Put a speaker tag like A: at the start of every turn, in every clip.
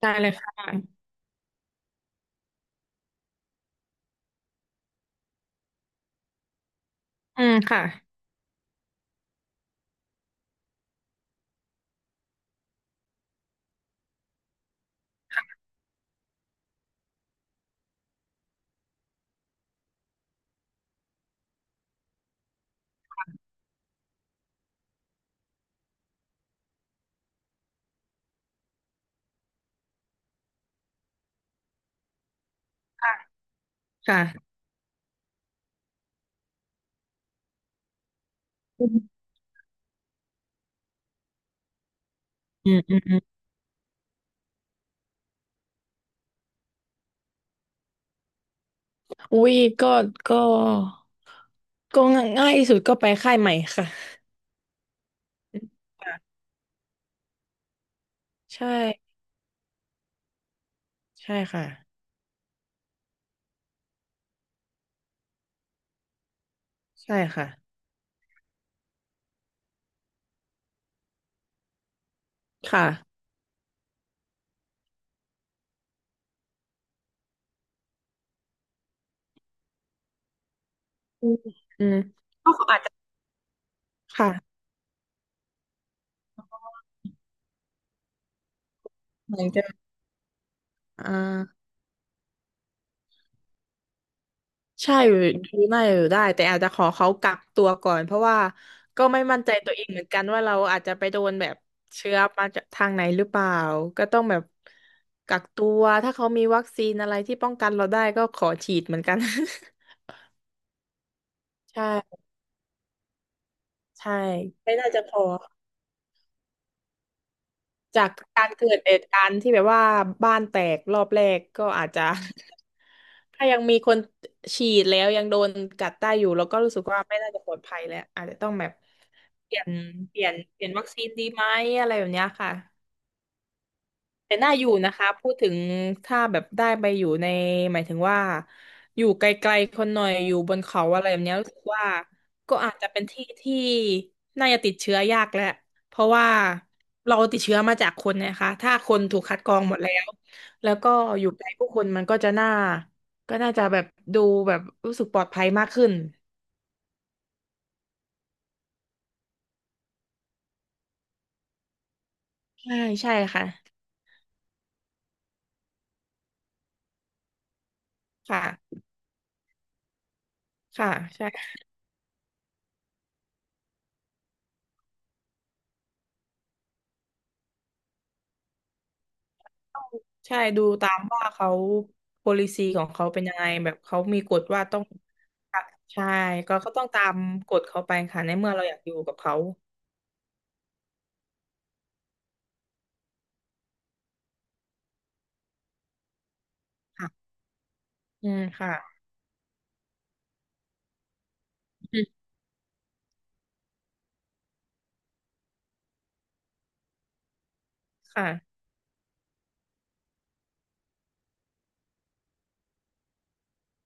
A: ได้เลยค่ะ อืมค่ะ ค่ะอืมอืมอืมอมอุ้ย ก็ ก็ง่ายที่สุดก็ไปค่ายใหม่ค่ะ ใช่ ใช่ค่ะ ใช่ค่ะ ค่ะ อืมอืมก็อาจจะ ค่ะเหมือนกันอ่า ใช่ดูได้อยู่ได้แต่อาจจะขอเขากักตัวก่อนเพราะว่าก็ไม่มั่นใจตัวเองเหมือนกันว่าเราอาจจะไปโดนแบบเชื้อมาจากทางไหนหรือเปล่าก็ต้องแบบกักตัวถ้าเขามีวัคซีนอะไรที่ป้องกันเราได้ก็ขอฉีดเหมือนกัน ใช่ใช่ไม่น่าจะพอ จากการเกิดเหตุการณ์ที่แบบว่าบ้านแตกรอบแรกก็อาจจะ ถ้ายังมีคนฉีดแล้วยังโดนกัดได้อยู่แล้วก็รู้สึกว่าไม่น่าจะปลอดภัยแล้วอาจจะต้องแบบเปลี่ยนเปลี่ยนวัคซีนดีไหมอะไรแบบเนี้ยค่ะ แต่น่าอยู่นะคะพูดถึงถ้าแบบได้ไปอยู่ในหมายถึงว่าอยู่ไกลๆคนหน่อยอยู่บนเขาอะไรแบบเนี้ยรู้สึกว่าก็อาจจะเป็นที่ที่น่าจะติดเชื้อยากแหละเพราะว่าเราติดเชื้อมาจากคนนะคะถ้าคนถูกคัดกรองหมดแล้วแล้วก็อยู่ใกล้ผู้คนมันก็จะน่าก็น่าจะแบบดูแบบรู้สึกปลอดภัยมากขึ้นใช่ใช่ค่ะค่ะค่ะใช่ ใช่ดูตามว่าเขา policy ของเขาเป็นยังไงแบบเขามีกฎว่าต้องใช่ต้องตามกฎเขาไปค่ะในเมื่อเราอยากอยู่กับเขาค่ะอืมค่ะอืมค่ะ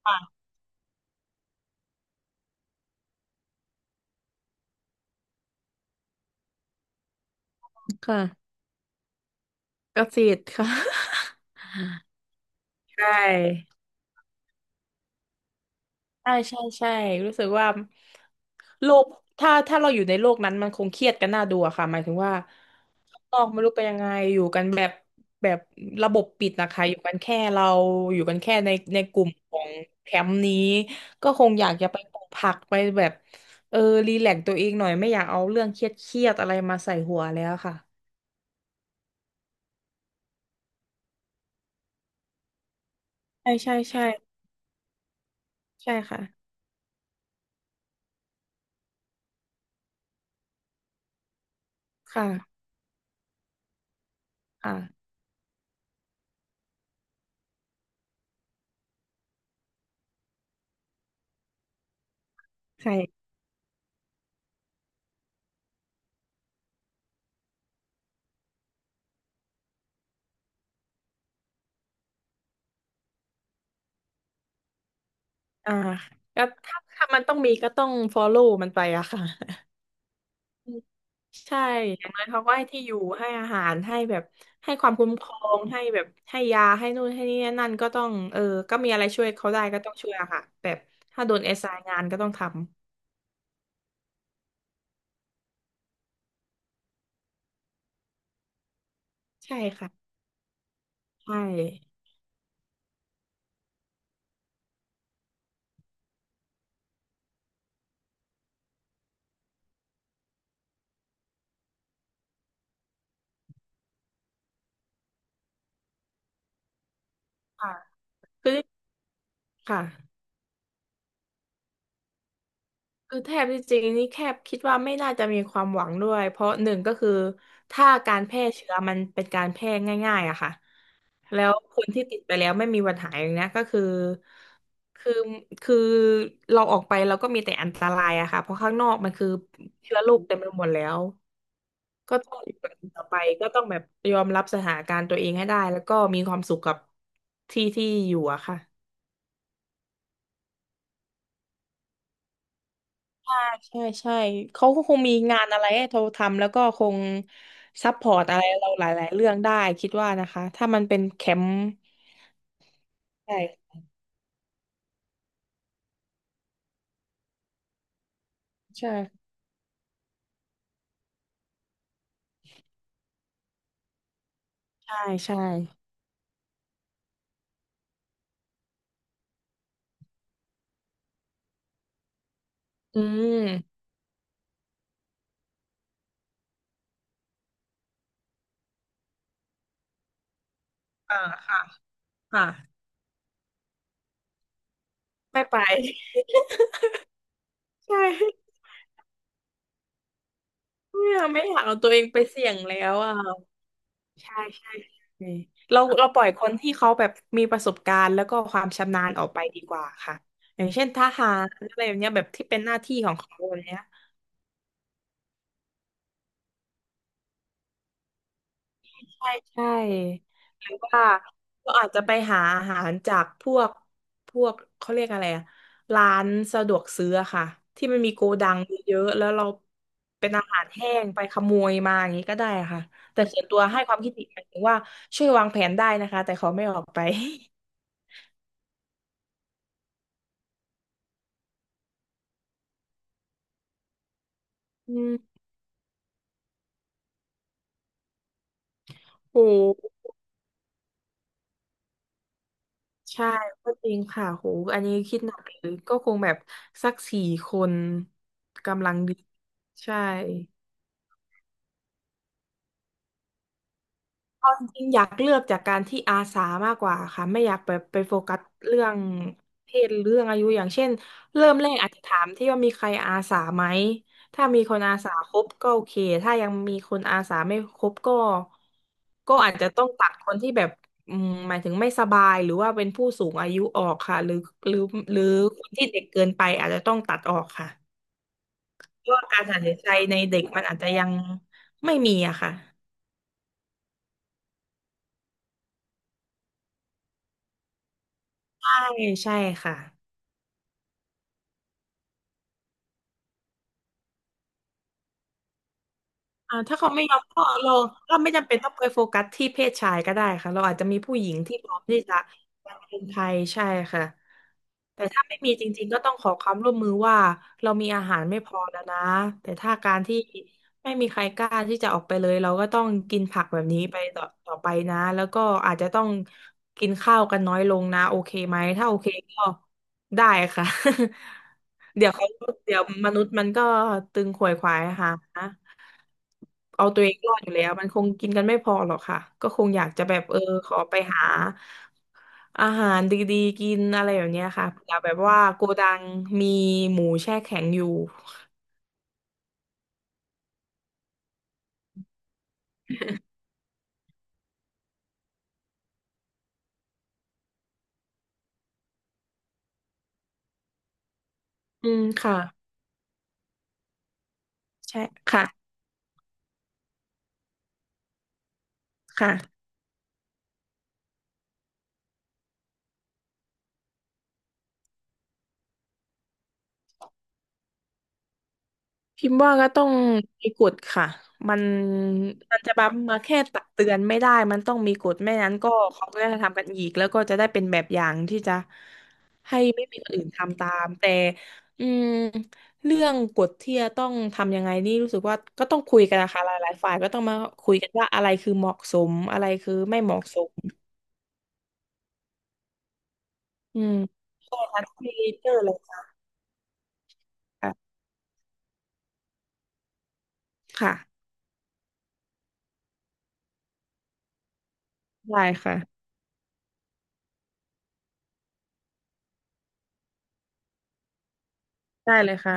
A: ค่ะค่ะกราฟิกค่ะใช่ใช่ใช่ใช่รู้สึกว่าโลกถ้าเราอยู่ในโลกนั้นมันคงเครียดกันน่าดูอะค่ะหมายถึงว่า นอกไม่รู้เป็นยังไงอยู่กันแบบแบบระบบปิดนะคะอยู่กันแค่เราอยู่กันแค่ในในกลุ่มของแคมป์นี้ก็คงอยากจะไปปลูกผักไปแบบเออรีแลกซ์ตัวเองหน่อยไม่อยากเอาเรื่องเครียดเครียดอะไรมาใส่หัวแล้วค่ะใช่ใช่ใช่ใช่ค่ะค่ะค่ะใช่อ่าก็ถ้ามันต้องมีก็ต้อง follow มันไปอะค่ะ ใช่อย่างน้อยเขาก็ให้ที่อยู่ ให้อาหาร ให้แบบให้ความคุ้มครองให้แบบให้ยาให้นู่นให้นี่นั่นก็ต้องก็มีอะไรช่วยเขาได้ก็ต้องช่วยอะค่ะแบบถ้าโดนแอสไซน์งานก็ต้องทำใช่ค่ะใช่ค่ะคือค่ะคือแทบที่จริงนี่แคบคิดว่าไม่น่าจะมีความหวังด้วยเพราะหนึ่งก็คือถ้าการแพร่เชื้อมันเป็นการแพร่ง่ายๆอะค่ะ แล้วคนที่ติดไปแล้วไม่มีวันหายอย่างเนี้ยก็คือคือคือเราออกไปเราก็มีแต่อันตรายอะค่ะเพราะข้างนอกมันคือเชื้อโรคเต็มไปหมดแล้วก็ต้องอยู่แบบนี้ต่อไปก็ต้องแบบยอมรับสถานการณ์ตัวเองให้ได้แล้วก็มีความสุขกับที่ที่อยู่อะค่ะใช่ใช่เขาก็คงมีงานอะไรให้เราทำแล้วก็คงซัพพอร์ตอะไรเราหลายๆเรื่องได้คิดว่านะคะถ้ามันเป็นแคมป์ใช่ใช่ใช่ใช่อืมอ่าค่ะ ค่ะไม่ไป ใช่ไม่อยากเอาตัวเองไปเสี่ยงแล้วอ่ะใช่ใช่ใช่เราปล่อยคนที่เขาแบบมีประสบการณ์แล้วก็ความชำนาญออกไปดีกว่าค่ะอย่างเช่นทหารอะไรแบบเนี้ยแบบที่เป็นหน้าที่ของเขาแบบเนี้ย ใช่ใช่หรือว่าก็อาจจะไปหาอาหารจากพวกพวกเขาเรียกอะไรอะร้านสะดวกซื้ออะค่ะที่มันมีโกดังเยอะๆแล้วเราเป็นอาหารแห้งไปขโมยมาอย่างนี้ก็ได้ค่ะแต่ส่วนตัวให้ความคิดเห็นหมายถึงว่าช่วยวางแผนได้นะคะแต่ขอไม่ออกไปอืมโหใช่ก็จริงค่ะโหอันนี้คิดหนักเลยก็คงแบบสักสี่คนกำลังดีใช่ เอาจริงๆอยากเลือกจากการที่อาสามากกว่าค่ะไม่อยากแบบไปโฟกัสเรื่องเพศหรือเรื่องอายุอย่างเช่นเริ่มแรกอาจจะถามที่ว่ามีใครอาสาไหมถ้ามีคนอาสาครบก็โอเคถ้ายังมีคนอาสาไม่ครบก็ก็อาจจะต้องตัดคนที่แบบอืมหมายถึงไม่สบายหรือว่าเป็นผู้สูงอายุออกค่ะหรือหรือคนที่เด็กเกินไปอาจจะต้องตัดออกค่ะเพราะว่าการตัดสินใจในเด็กมันอาจจะยังไม่มีอะค่ะใช่ใช่ค่ะ อ่าถ้าเขาไม่ยอมก็เราก็ไม่จำเป็นต้องไปโฟกัสที่เพศชายก็ได้ค่ะเราอาจจะมีผู้หญิงที่พร้อมที่จะเป็นไทยใช่ค่ะแต่ถ้าไม่มีจริงๆก็ต้องขอความร่วมมือว่าเรามีอาหารไม่พอแล้วนะแต่ถ้าการที่ไม่มีใครกล้าที่จะออกไปเลยเราก็ต้องกินผักแบบนี้ไปต่อต่อไปนะแล้วก็อาจจะต้องกินข้าวกันน้อยลงนะโอเคไหมถ้าโอเคก็ได้ค่ะ เดี๋ยวเขาเดี๋ยวมนุษย์มันก็ตึงขวนขวายหา เอาตัวเองรอดอยู่แล้วมันคงกินกันไม่พอหรอกค่ะก็คงอยากจะแบบขอไปหาอาหารดีๆกินอะไรแบบเนี้ยค่ะเผื่อแบบว่าโกดังมีหมูแช่แข็งอยู่อืมค่ะใช่ค่ะค่ะ พิมพ์ว่าก็ต้องมีกฎค่ะมันมันจะแบบมาแค่ตักเตือนไม่ได้มันต้องมีกฎไม่งั้นก็เขาก็จะทำกันอีกแล้วก็จะได้เป็นแบบอย่างที่จะให้ไม่มีคนอื่นทำตามแต่อืมเรื่องกฎที่จะต้องทำยังไงนี่รู้สึกว่าก็ต้องคุยกันนะคะหลายหลายฝ่ายก็ต้องมาคุยกันว่าอะไรคือเหมาะสมอะไรคือไม่เหมาะสมอืมใช่ค่ะมีเจอเลยค่ะค่ะได้ค่ะได้เลยค่ะ